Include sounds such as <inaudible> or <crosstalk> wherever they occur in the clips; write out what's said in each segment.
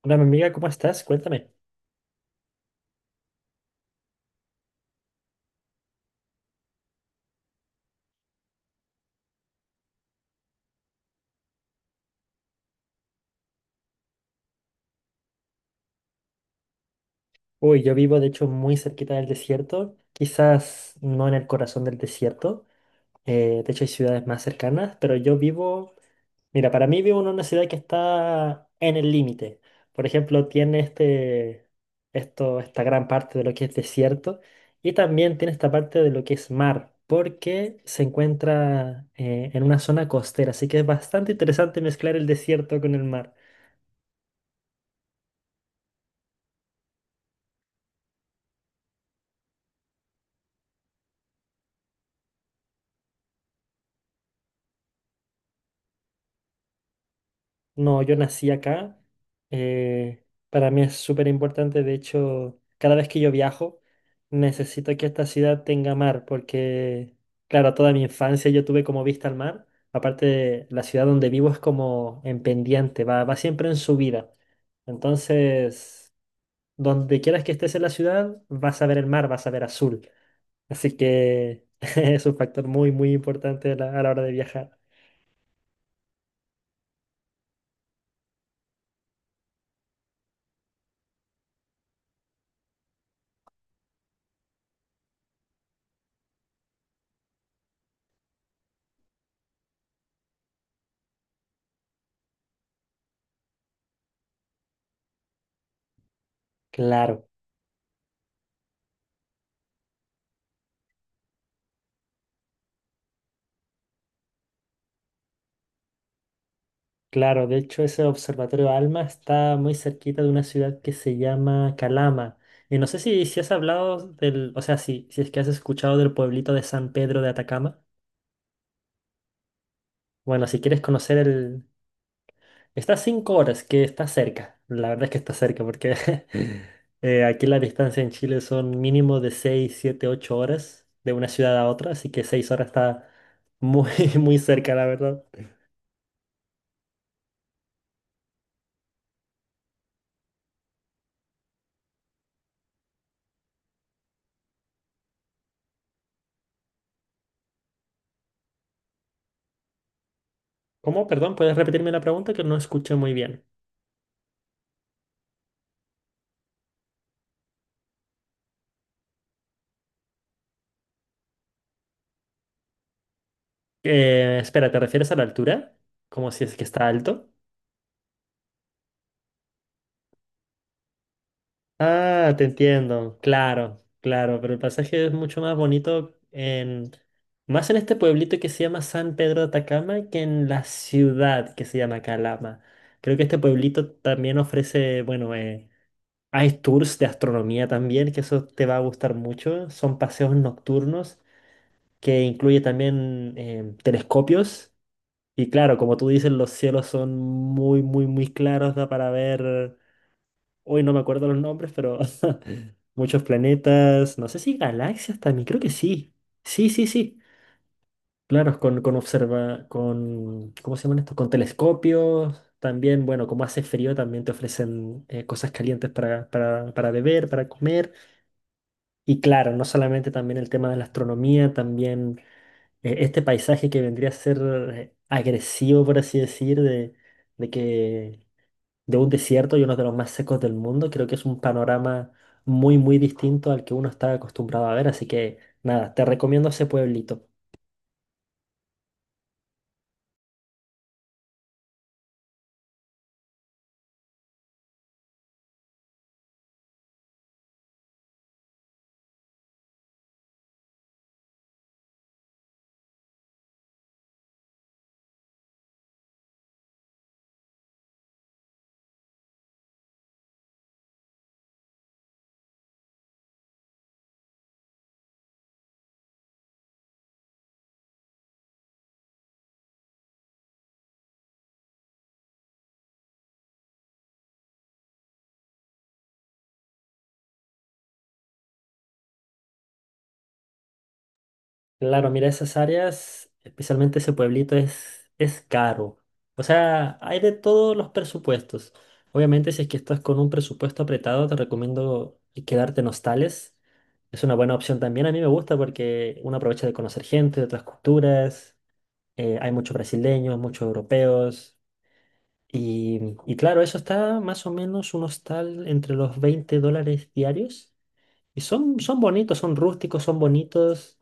Hola, mi amiga, ¿cómo estás? Cuéntame. Uy, yo vivo de hecho muy cerquita del desierto, quizás no en el corazón del desierto, de hecho hay ciudades más cercanas, pero yo vivo, mira, para mí vivo en una ciudad que está en el límite. Por ejemplo, tiene esta gran parte de lo que es desierto y también tiene esta parte de lo que es mar, porque se encuentra en una zona costera, así que es bastante interesante mezclar el desierto con el mar. No, yo nací acá. eh, para mí es súper importante. De hecho, cada vez que yo viajo, necesito que esta ciudad tenga mar, porque, claro, toda mi infancia yo tuve como vista al mar. Aparte, la ciudad donde vivo es como en pendiente, va siempre en subida. Entonces, donde quieras que estés en la ciudad, vas a ver el mar, vas a ver azul. Así que <laughs> es un factor muy, muy importante a la hora de viajar. Claro. Claro, de hecho ese observatorio ALMA está muy cerquita de una ciudad que se llama Calama. Y no sé si has hablado del, o sea, si es que has escuchado del pueblito de San Pedro de Atacama. Bueno, si quieres conocer el... Está a 5 horas, que está cerca. La verdad es que está cerca porque <laughs> aquí la distancia en Chile son mínimo de 6, 7, 8 horas de una ciudad a otra, así que 6 horas está muy, <laughs> muy cerca, la verdad. ¿Cómo? Perdón, ¿puedes repetirme la pregunta que no escuché muy bien? Espera, ¿te refieres a la altura? Como si es que está alto. Ah, te entiendo, claro, claro, pero el pasaje es mucho más bonito en, más en este pueblito que se llama San Pedro de Atacama que en la ciudad que se llama Calama. Creo que este pueblito también ofrece, bueno, hay tours de astronomía también, que eso te va a gustar mucho. Son paseos nocturnos que incluye también telescopios. Y claro, como tú dices, los cielos son muy, muy, muy claros, da para ver, hoy no me acuerdo los nombres, pero <laughs> muchos planetas, no sé si galaxias también, creo que sí. Sí, sí, sí. Claro, con ¿cómo se llaman estos? Con telescopios, también, bueno, como hace frío, también te ofrecen cosas calientes para beber, para comer. Y claro, no solamente también el tema de la astronomía, también este paisaje que vendría a ser agresivo, por así decir, de que de un desierto y uno de los más secos del mundo, creo que es un panorama muy, muy distinto al que uno está acostumbrado a ver. Así que nada, te recomiendo ese pueblito. Claro, mira, esas áreas, especialmente ese pueblito, es caro. O sea, hay de todos los presupuestos. Obviamente, si es que estás con un presupuesto apretado, te recomiendo quedarte en hostales. Es una buena opción también. A mí me gusta porque uno aprovecha de conocer gente de otras culturas. Hay muchos brasileños, muchos europeos. Y claro, eso está más o menos un hostal entre los $20 diarios. Y son bonitos, son rústicos, son bonitos.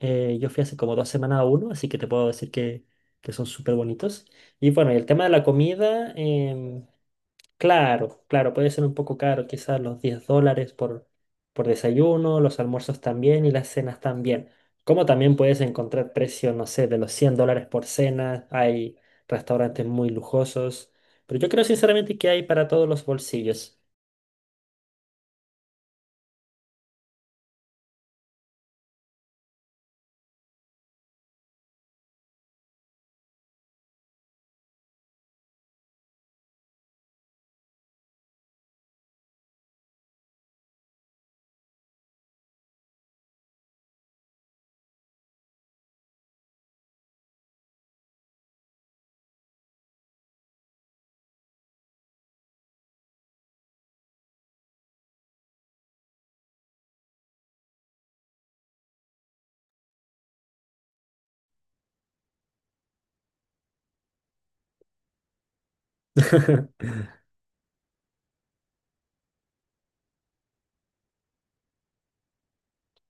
Yo fui hace como 2 semanas a uno, así que te puedo decir que son súper bonitos. Y bueno, y el tema de la comida, claro, claro, puede ser un poco caro, quizás los $10 por desayuno, los almuerzos también y las cenas también. Como también puedes encontrar precios, no sé, de los $100 por cena, hay restaurantes muy lujosos, pero yo creo sinceramente que hay para todos los bolsillos. <laughs>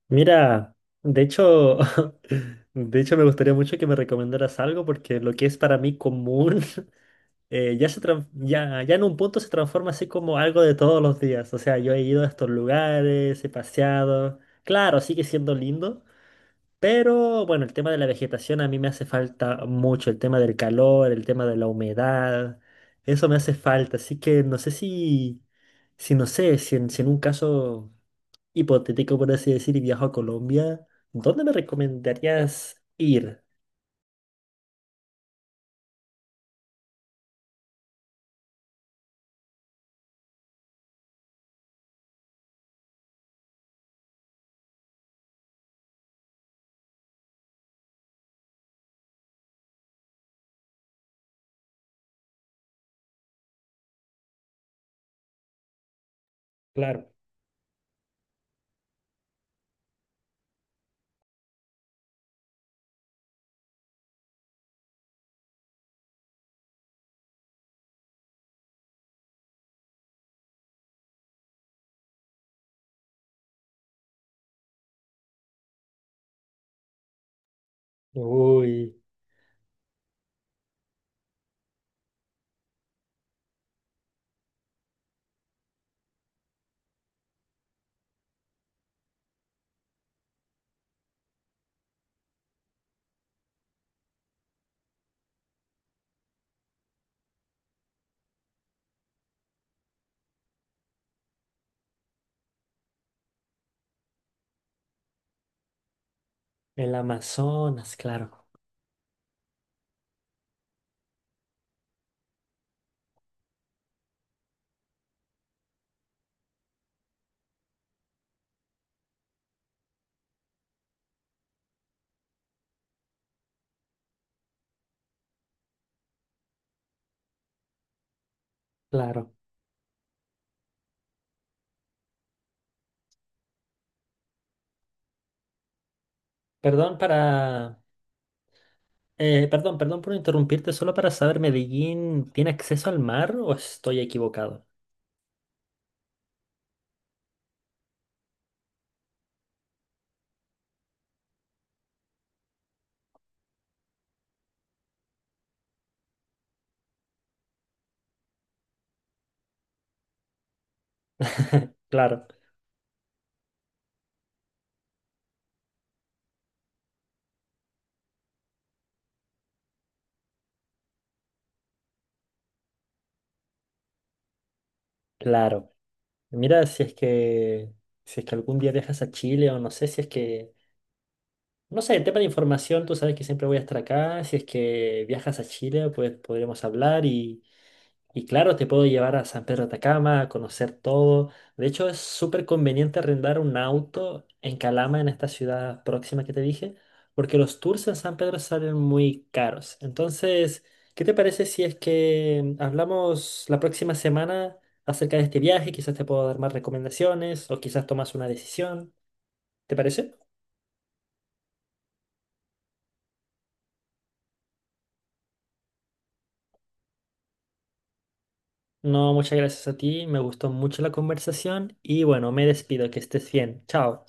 Mira, de hecho, <laughs> de hecho me gustaría mucho que me recomendaras algo porque lo que es para mí común <laughs> ya, ya en un punto se transforma así como algo de todos los días. O sea, yo he ido a estos lugares, he paseado. Claro, sigue siendo lindo, pero bueno, el tema de la vegetación a mí me hace falta mucho. El tema del calor, el tema de la humedad, eso me hace falta. Así que no sé si, si no sé, si en si en un caso hipotético, por así decir, y viajo a Colombia, ¿dónde me recomendarías ir? Claro. Uy, el Amazonas, claro, claro. Perdón para... perdón, perdón por interrumpirte, solo para saber, ¿Medellín tiene acceso al mar o estoy equivocado? Claro, claro. Mira, si es que... Si es que algún día viajas a Chile o no sé, si es que... No sé, tema de información, tú sabes que siempre voy a estar acá. Si es que viajas a Chile, pues podremos hablar y Y claro, te puedo llevar a San Pedro de Atacama, a conocer todo. De hecho, es súper conveniente arrendar un auto en Calama, en esta ciudad próxima que te dije, porque los tours en San Pedro salen muy caros. Entonces, ¿qué te parece si es que hablamos la próxima semana acerca de este viaje? Quizás te puedo dar más recomendaciones o quizás tomas una decisión. ¿Te parece? No, muchas gracias a ti. Me gustó mucho la conversación y bueno, me despido. Que estés bien. Chao.